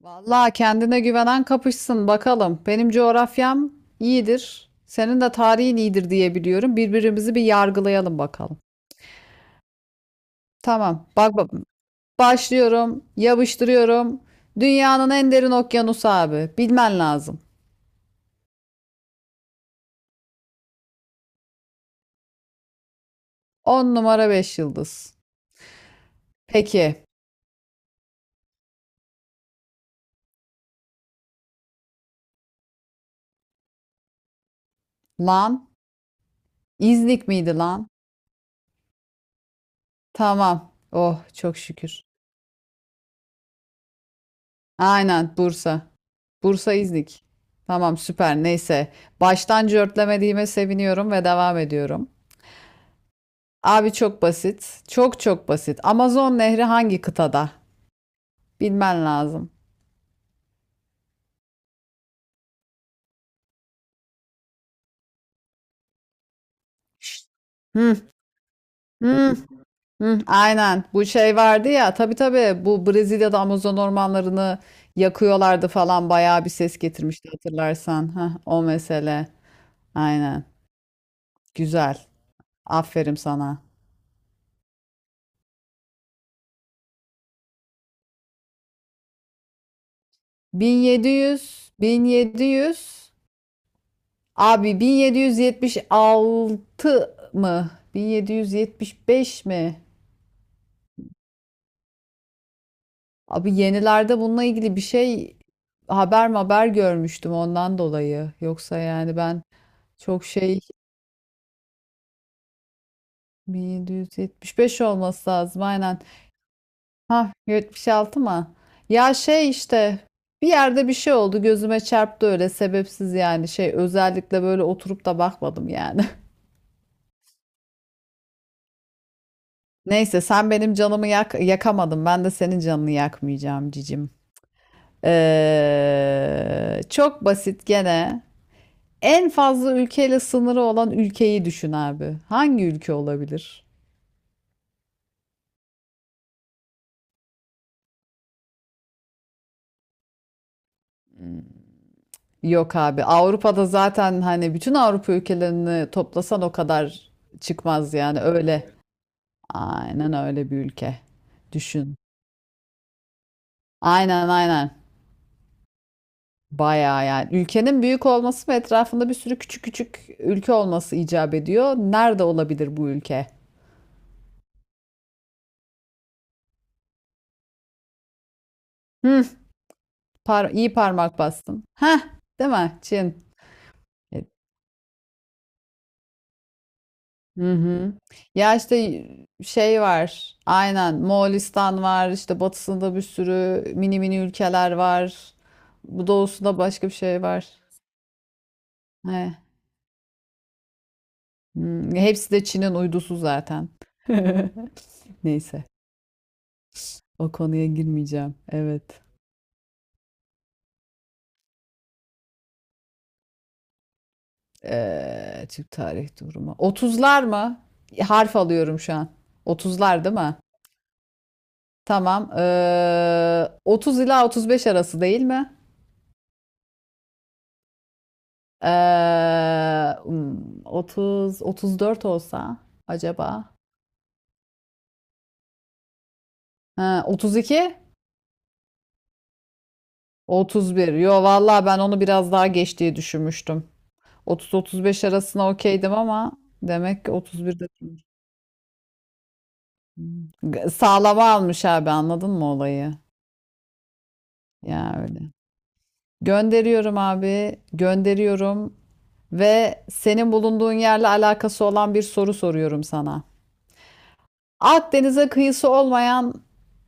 Vallahi kendine güvenen kapışsın bakalım. Benim coğrafyam iyidir. Senin de tarihin iyidir diye biliyorum. Birbirimizi bir yargılayalım bakalım. Tamam. Bak, başlıyorum. Yapıştırıyorum. Dünyanın en derin okyanusu abi. Bilmen lazım. 10 numara 5 yıldız. Peki. Lan. İznik miydi lan? Tamam. Oh çok şükür. Aynen Bursa. Bursa İznik. Tamam süper neyse. Baştan cörtlemediğime seviniyorum ve devam ediyorum. Abi çok basit. Çok çok basit. Amazon Nehri hangi kıtada? Bilmen lazım. Hı, hı, hı. Aynen. Bu şey vardı ya. Tabii tabii. Bu Brezilya'da Amazon ormanlarını yakıyorlardı falan. Bayağı bir ses getirmişti hatırlarsan. Heh, o mesele. Aynen. Güzel. Aferin sana. 1700, 1700. Abi 1776 mı? 1775 mi? Abi yenilerde bununla ilgili bir şey haber görmüştüm ondan dolayı. Yoksa yani ben çok şey 1775 olması lazım aynen. Ha 76 mı? Ya şey işte bir yerde bir şey oldu gözüme çarptı öyle sebepsiz yani şey özellikle böyle oturup da bakmadım yani. Neyse sen benim canımı yak yakamadın ben de senin canını yakmayacağım cicim. Çok basit gene. En fazla ülkeyle sınırı olan ülkeyi düşün abi. Hangi ülke olabilir? Yok abi. Avrupa'da zaten hani bütün Avrupa ülkelerini toplasan o kadar çıkmaz yani öyle. Aynen öyle bir ülke. Düşün. Aynen aynen. Bayağı yani. Ülkenin büyük olması ve etrafında bir sürü küçük küçük ülke olması icap ediyor. Nerede olabilir bu ülke? Hı, iyi parmak bastın. Heh, değil mi? Çin. E, Hı hı. Ya işte şey var. Aynen. Moğolistan var. İşte batısında bir sürü mini mini ülkeler var. Bu doğusunda başka bir şey var. He. Hepsi de Çin'in uydusu zaten. Neyse. O konuya girmeyeceğim. Evet. Türk tarih durumu. Otuzlar mı? Harf alıyorum şu an. Otuzlar değil mi? Tamam. 30 ila 35 arası değil mi? Ee, hmm, 30 34 olsa acaba? Ha, 32 31. Yo vallahi ben onu biraz daha geç diye düşünmüştüm. 30-35 arasına okeydim ama demek ki 31'de durmuş. Hmm. Sağlama almış abi anladın mı olayı? Ya öyle. Gönderiyorum abi. Gönderiyorum ve senin bulunduğun yerle alakası olan bir soru soruyorum sana. Akdeniz'e kıyısı olmayan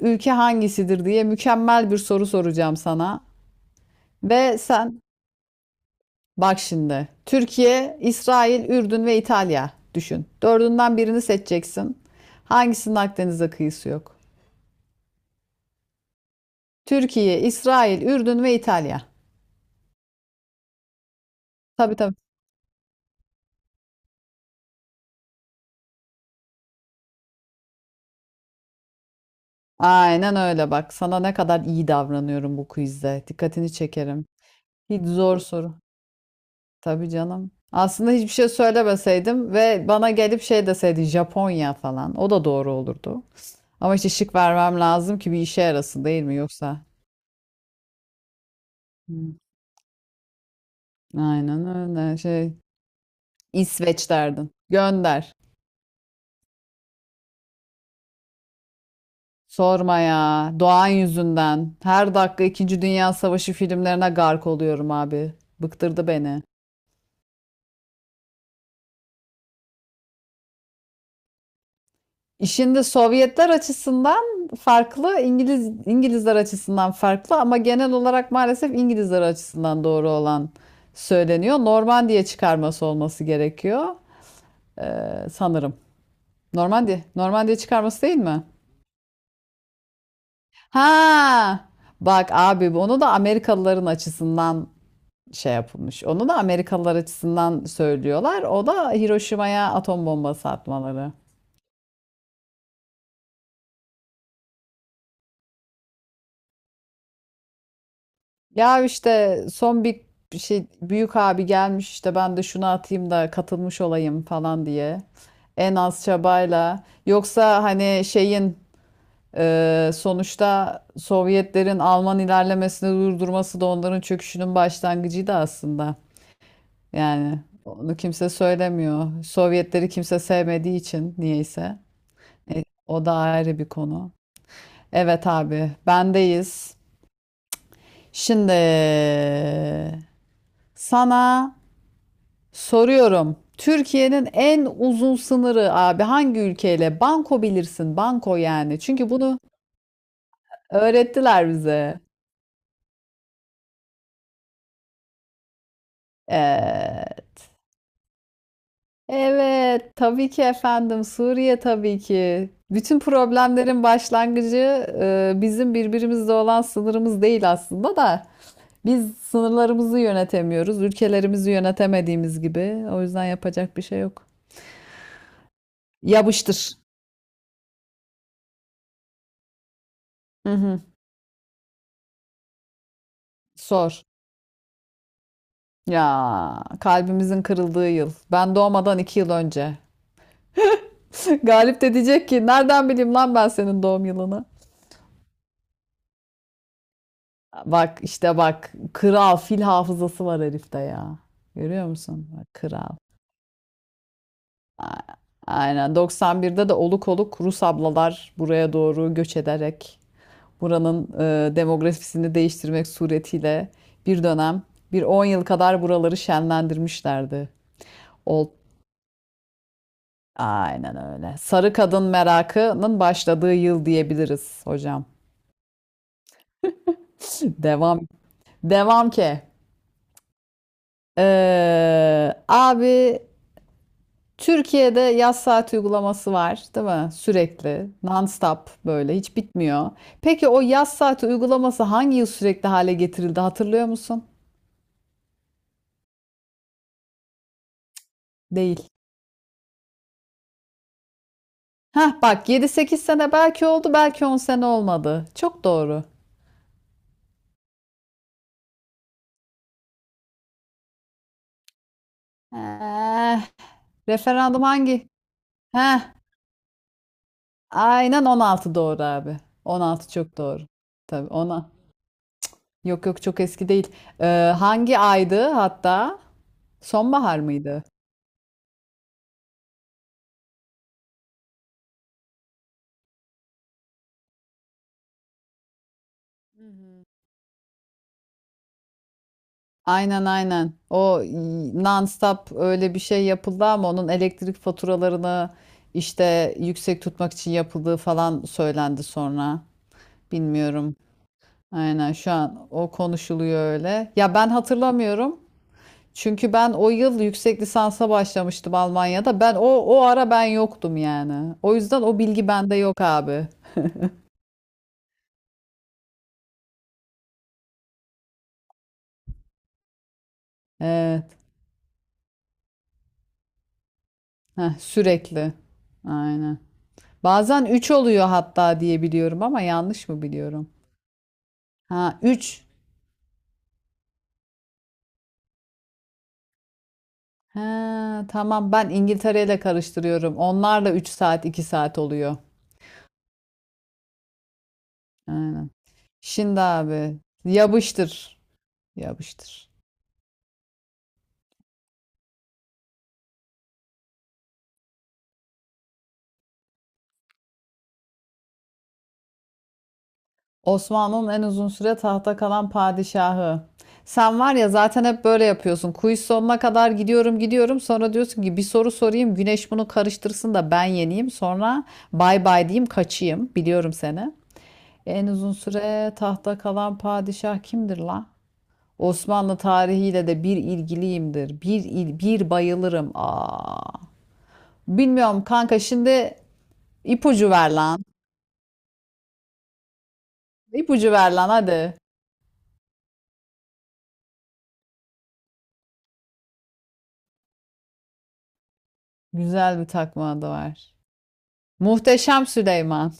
ülke hangisidir diye mükemmel bir soru soracağım sana. Ve sen bak şimdi Türkiye, İsrail, Ürdün ve İtalya düşün. Dördünden birini seçeceksin. Hangisinin Akdeniz'e kıyısı yok? Türkiye, İsrail, Ürdün ve İtalya. Tabii tabii. Aynen öyle bak. Sana ne kadar iyi davranıyorum bu quizde. Dikkatini çekerim. Hiç zor soru. Tabii canım. Aslında hiçbir şey söylemeseydim ve bana gelip şey deseydi Japonya falan. O da doğru olurdu. Ama işte şık vermem lazım ki bir işe yarasın değil mi yoksa? Hmm, Aynen öyle şey. İsveç derdin. Gönder. Sorma ya. Doğan yüzünden. Her dakika İkinci Dünya Savaşı filmlerine gark oluyorum abi. Bıktırdı beni. Şimdi Sovyetler açısından farklı, İngilizler açısından farklı ama genel olarak maalesef İngilizler açısından doğru olan söyleniyor. Normandiya çıkarması olması gerekiyor sanırım. Normandiya çıkarması değil mi? Ha! Bak abi onu da Amerikalıların açısından şey yapılmış. Onu da Amerikalılar açısından söylüyorlar. O da Hiroşima'ya atom bombası atmaları. Ya işte son bir şey büyük abi gelmiş işte ben de şunu atayım da katılmış olayım falan diye. En az çabayla. Yoksa hani şeyin sonuçta Sovyetlerin Alman ilerlemesini durdurması da onların çöküşünün başlangıcıydı aslında. Yani onu kimse söylemiyor. Sovyetleri kimse sevmediği için niyeyse. O da ayrı bir konu. Evet abi bendeyiz. Şimdi sana soruyorum. Türkiye'nin en uzun sınırı abi hangi ülkeyle? Banko bilirsin. Banko yani. Çünkü bunu öğrettiler bize. Evet. Evet. Tabii ki efendim. Suriye tabii ki. Bütün problemlerin başlangıcı bizim birbirimizle olan sınırımız değil aslında da. Biz sınırlarımızı yönetemiyoruz. Ülkelerimizi yönetemediğimiz gibi. O yüzden yapacak bir şey yok. Yapıştır. Hı hı. Sor. Ya kalbimizin kırıldığı yıl. Ben doğmadan 2 yıl önce. Galip de diyecek ki nereden bileyim lan ben senin doğum yılını. Bak işte bak kral fil hafızası var herifte ya. Görüyor musun? Bak, kral. A- Aynen 91'de de oluk oluk Rus ablalar buraya doğru göç ederek buranın demografisini değiştirmek suretiyle bir dönem bir 10 yıl kadar buraları şenlendirmişlerdi. Old Aynen öyle. Sarı kadın merakının başladığı yıl diyebiliriz hocam. Devam. Devam ki. Abi Türkiye'de yaz saat uygulaması var, değil mi? Sürekli, non-stop böyle hiç bitmiyor. Peki o yaz saati uygulaması hangi yıl sürekli hale getirildi hatırlıyor musun? Değil. Heh bak 7-8 sene belki oldu, belki 10 sene olmadı. Çok doğru. Eh, referandum hangi? Heh. Aynen 16 doğru abi. 16 çok doğru. Tabii ona. Yok yok çok eski değil. Hangi aydı hatta? Sonbahar mıydı? Hı hı. Aynen aynen. Non-stop öyle bir şey yapıldı ama onun elektrik faturalarını işte yüksek tutmak için yapıldığı falan söylendi sonra. Bilmiyorum. Aynen şu an o konuşuluyor öyle. Ya ben hatırlamıyorum. Çünkü ben o yıl yüksek lisansa başlamıştım Almanya'da. Ben o ara ben yoktum yani. O yüzden o bilgi bende yok abi. Evet. Heh, sürekli. Aynen. Bazen 3 oluyor hatta diye biliyorum ama yanlış mı biliyorum? Ha üç. Ha tamam ben İngiltere ile karıştırıyorum. Onlarla 3 saat 2 saat oluyor. Aynen. Şimdi abi yapıştır. Yapıştır. Osmanlı'nın en uzun süre tahta kalan padişahı. Sen var ya zaten hep böyle yapıyorsun. Quiz sonuna kadar gidiyorum gidiyorum. Sonra diyorsun ki bir soru sorayım. Güneş bunu karıştırsın da ben yeneyim. Sonra bay bay diyeyim kaçayım. Biliyorum seni. En uzun süre tahta kalan padişah kimdir la? Osmanlı tarihiyle de bir ilgiliyimdir. Bir bayılırım. Aa. Bilmiyorum kanka şimdi ipucu ver lan. İpucu ver lan hadi. Güzel bir takma adı var. Muhteşem Süleyman.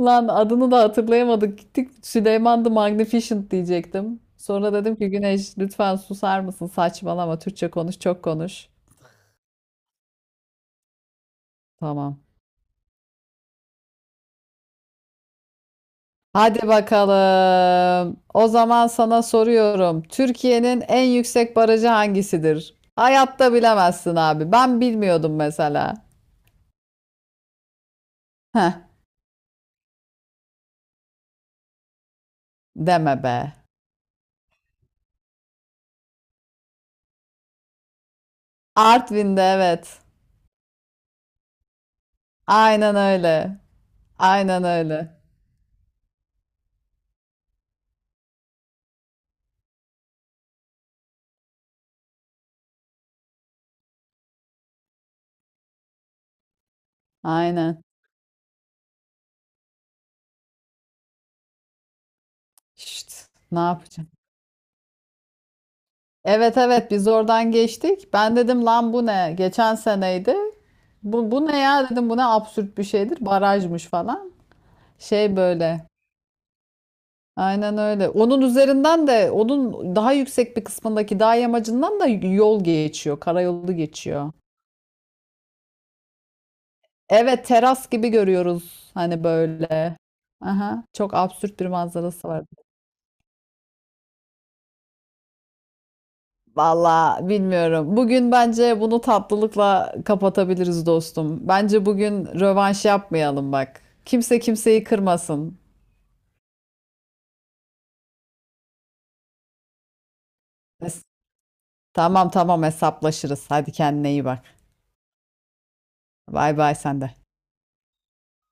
Lan adını da hatırlayamadık. Gittik Süleyman the Magnificent diyecektim. Sonra dedim ki Güneş lütfen susar mısın? Saçmalama Türkçe konuş, çok konuş. Tamam. Hadi bakalım. O zaman sana soruyorum. Türkiye'nin en yüksek barajı hangisidir? Hayatta bilemezsin abi. Ben bilmiyordum mesela. Heh, deme be. Artvin'de evet. Aynen öyle. Aynen öyle. Aynen. Şşt, ne yapacağım? Evet evet biz oradan geçtik. Ben dedim lan bu ne? Geçen seneydi. Bu, ne ya dedim bu ne absürt bir şeydir. Barajmış falan. Şey böyle. Aynen öyle. Onun üzerinden de onun daha yüksek bir kısmındaki dağ yamacından da yol geçiyor. Karayolu geçiyor. Evet teras gibi görüyoruz. Hani böyle. Aha, çok absürt bir manzarası var. Valla bilmiyorum. Bugün bence bunu tatlılıkla kapatabiliriz dostum. Bence bugün rövanş yapmayalım bak. Kimse kimseyi kırmasın. Tamam tamam hesaplaşırız. Hadi kendine iyi bak. Bay bay sen de.